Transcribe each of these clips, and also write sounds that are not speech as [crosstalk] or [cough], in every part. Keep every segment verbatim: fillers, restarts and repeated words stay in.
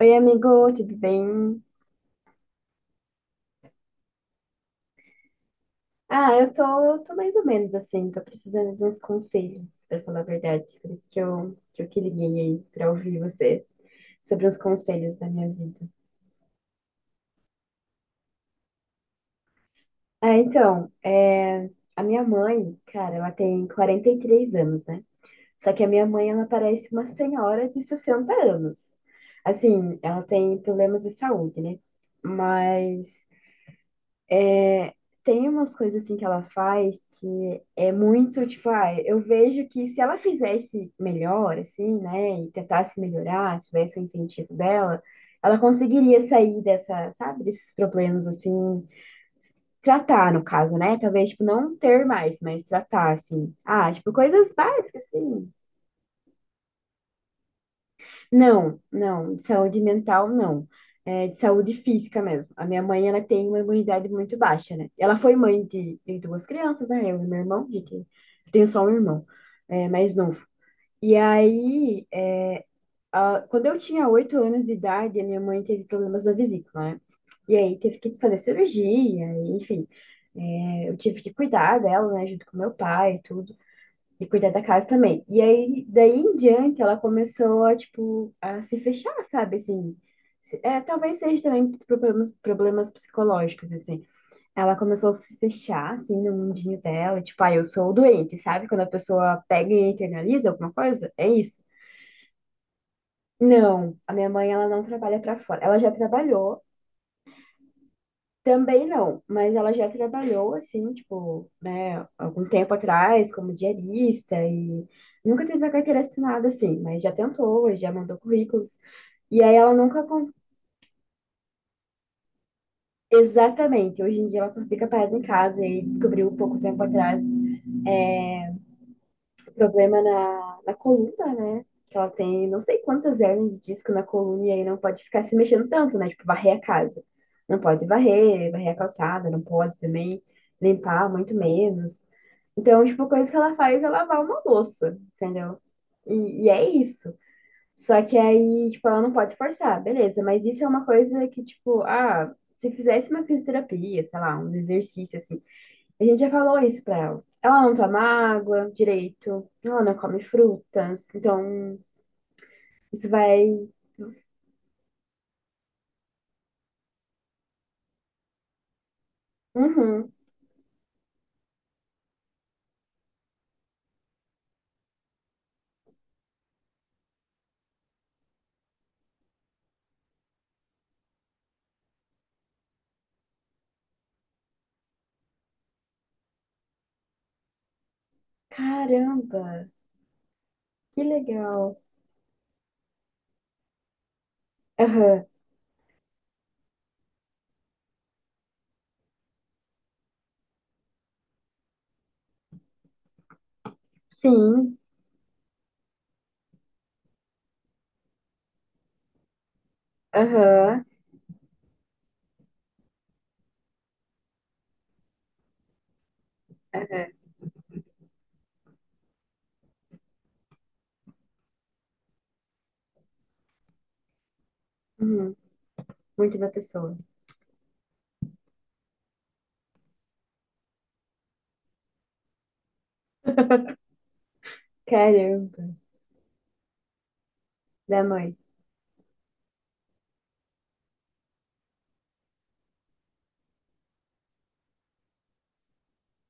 Oi, amigo, tudo bem? Ah, eu tô, tô mais ou menos assim, tô precisando de uns conselhos, pra falar a verdade. Por isso que eu, que eu te liguei aí pra ouvir você sobre os conselhos da minha vida. Ah, então, é, a minha mãe, cara, ela tem quarenta e três anos, né? Só que a minha mãe, ela parece uma senhora de sessenta anos. Assim, ela tem problemas de saúde, né? Mas tem umas coisas assim que ela faz que é muito, tipo, ah, eu vejo que se ela fizesse melhor, assim, né, e tentasse melhorar, tivesse o incentivo dela, ela conseguiria sair dessa, sabe, desses problemas, assim, tratar, no caso, né, talvez, tipo, não ter mais, mas tratar, assim, ah, tipo, coisas básicas, assim, Não, não, de saúde mental não. É de saúde física mesmo. A minha mãe, ela tem uma imunidade muito baixa, né? Ela foi mãe de, de duas crianças, né? Eu e meu irmão, a gente, eu tenho só um irmão, é, mais novo. E aí, é, a- quando eu tinha oito anos de idade, a minha mãe teve problemas da vesícula, né? E aí teve que fazer cirurgia, e, enfim. É, eu tive que cuidar dela, né, junto com meu pai e tudo de cuidar da casa também. E aí, daí em diante, ela começou a, tipo, a se fechar, sabe, assim. Se- É, talvez seja também problemas, problemas psicológicos, assim. Ela começou a se fechar, assim, no mundinho dela, tipo, ah, eu sou o doente, sabe? Quando a pessoa pega e internaliza alguma coisa, é isso. Não, a minha mãe, ela não trabalha pra fora. Ela já trabalhou, Também não, mas ela já trabalhou assim, tipo, né, algum tempo atrás, como diarista e nunca teve a carteira assinada assim, mas já tentou, já mandou currículos. E aí ela nunca con- exatamente, hoje em dia ela só fica parada em casa e descobriu pouco tempo atrás problema na, na coluna, né? Que ela tem não sei quantas hérnias de disco na coluna e aí não pode ficar se mexendo tanto, né? Tipo, varrer a casa. Não pode varrer, varrer a calçada, não pode também limpar, muito menos. Então, tipo, a coisa que ela faz é lavar uma louça, entendeu? E, e é isso. Só que aí, tipo, ela não pode forçar, beleza, mas isso é uma coisa que, tipo, ah, se fizesse uma fisioterapia, sei lá, um exercício assim a gente já falou isso pra ela. Ela não toma água direito, ela não come frutas, então isso vai. Uhum. Caramba, que legal. Aham, sim, aham, aham, uhum. Muito da pessoa. [laughs] Caramba, da mãe.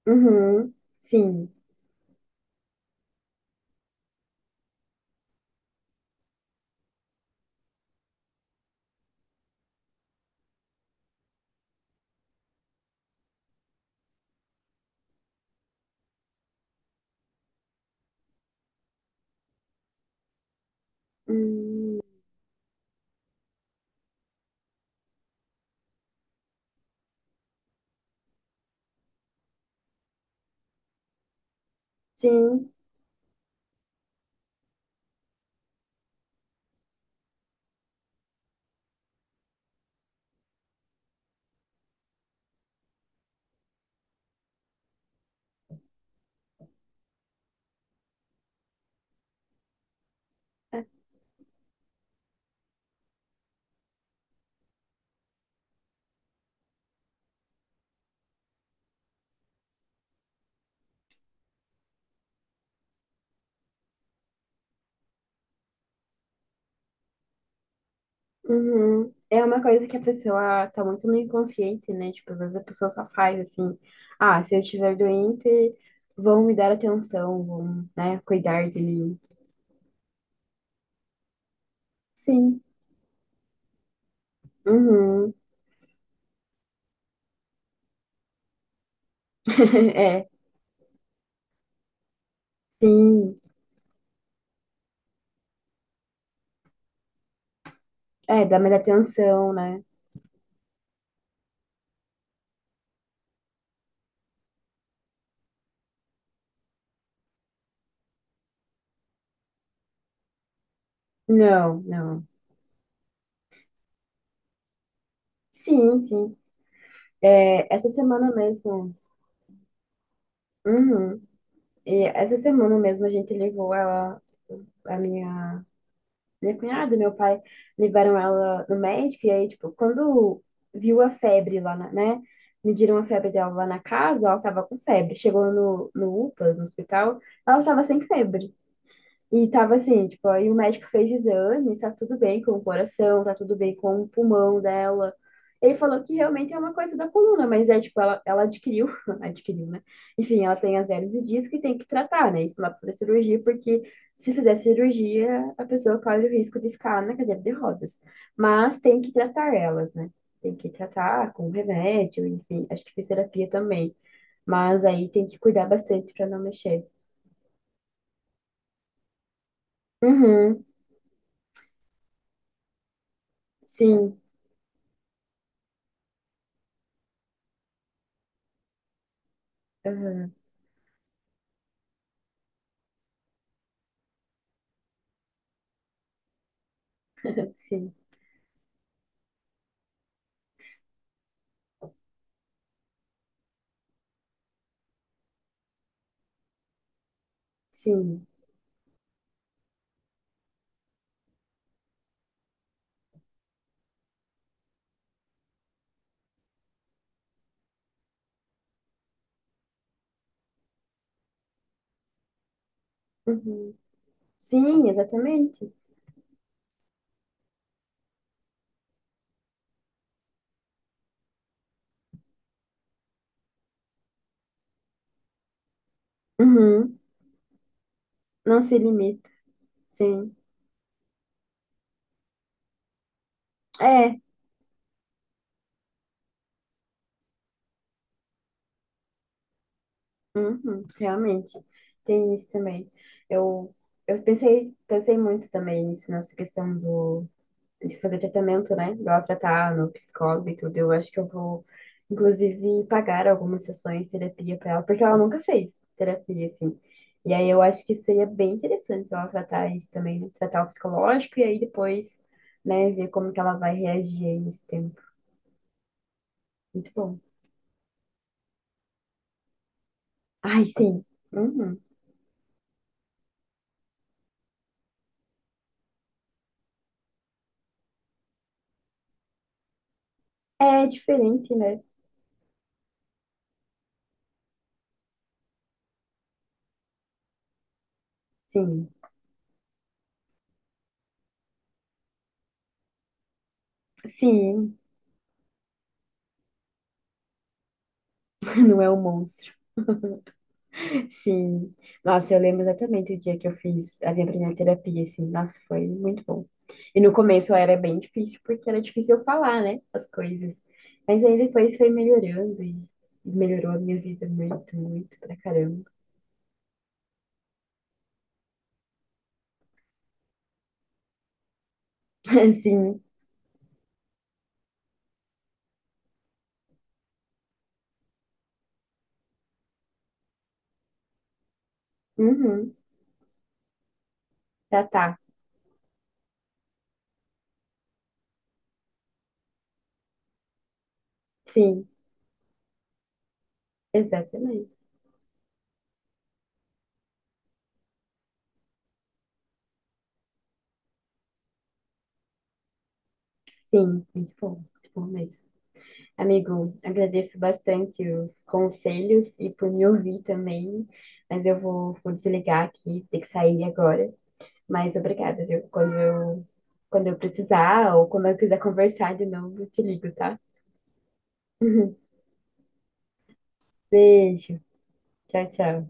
Uhum, sim, hum, sim, uhum. É uma coisa que a pessoa tá muito no inconsciente, né? Tipo, às vezes a pessoa só faz assim, ah, se eu estiver doente, vão me dar atenção, vão, né, cuidar de mim. Sim. Uhum. [laughs] É, sim. É, dá mais atenção, né? Não, não. Sim, sim. É, essa semana mesmo. Uhum. E essa semana mesmo a gente levou ela, a minha minha cunhada e meu pai levaram ela no médico, e aí, tipo, quando viu a febre lá, na- né? Mediram a febre dela lá na casa, ela tava com febre. Chegou no, no UPA, no hospital, ela tava sem febre. E tava assim, tipo, aí o médico fez exames, tá tudo bem com o coração, tá tudo bem com o pulmão dela. Ele falou que realmente é uma coisa da coluna, mas é tipo, ela, ela adquiriu, [laughs] adquiriu, né? Enfim, ela tem azélio de disco e tem que tratar, né? Isso lá pra fazer cirurgia, porque se fizer cirurgia, a pessoa corre o risco de ficar na cadeira de rodas. Mas tem que tratar elas, né? Tem que tratar com remédio, enfim, acho que fisioterapia também. Mas aí tem que cuidar bastante pra não mexer. Uhum, sim. Uhum. Sim, sim. Uhum. Sim, exatamente. Uhum. Não se limita. Sim. É, uhum, realmente. Tem isso também. Eu, eu pensei, pensei muito também nisso, nessa questão do. De fazer tratamento, né? Igual tratar no psicólogo e tudo. Eu acho que eu vou, inclusive, pagar algumas sessões de terapia para ela, porque ela nunca fez terapia, assim. E aí eu acho que seria bem interessante ela tratar isso também, né? Tratar o psicológico e aí depois, né, ver como que ela vai reagir aí nesse tempo. Muito bom. Ai, sim. Uhum. É diferente, né? Sim. Sim, [laughs] não é um monstro. Sim. Nossa, eu lembro exatamente o dia que eu fiz a minha primeira terapia, assim. Nossa, foi muito bom. E no começo era bem difícil, porque era difícil eu falar, né, as coisas. Mas aí depois foi melhorando e e melhorou a minha vida muito, muito pra caramba. [laughs] Sim. Uhum. Já tá. Sim, exatamente. Sim, muito bom. Muito bom mesmo. Amigo, agradeço bastante os conselhos e por me ouvir também, mas eu vou, vou desligar aqui, vou ter que sair agora. Mas obrigada, viu? Quando eu, quando eu precisar ou quando eu quiser conversar de novo, eu te ligo, tá? [laughs] Beijo. Tchau, tchau.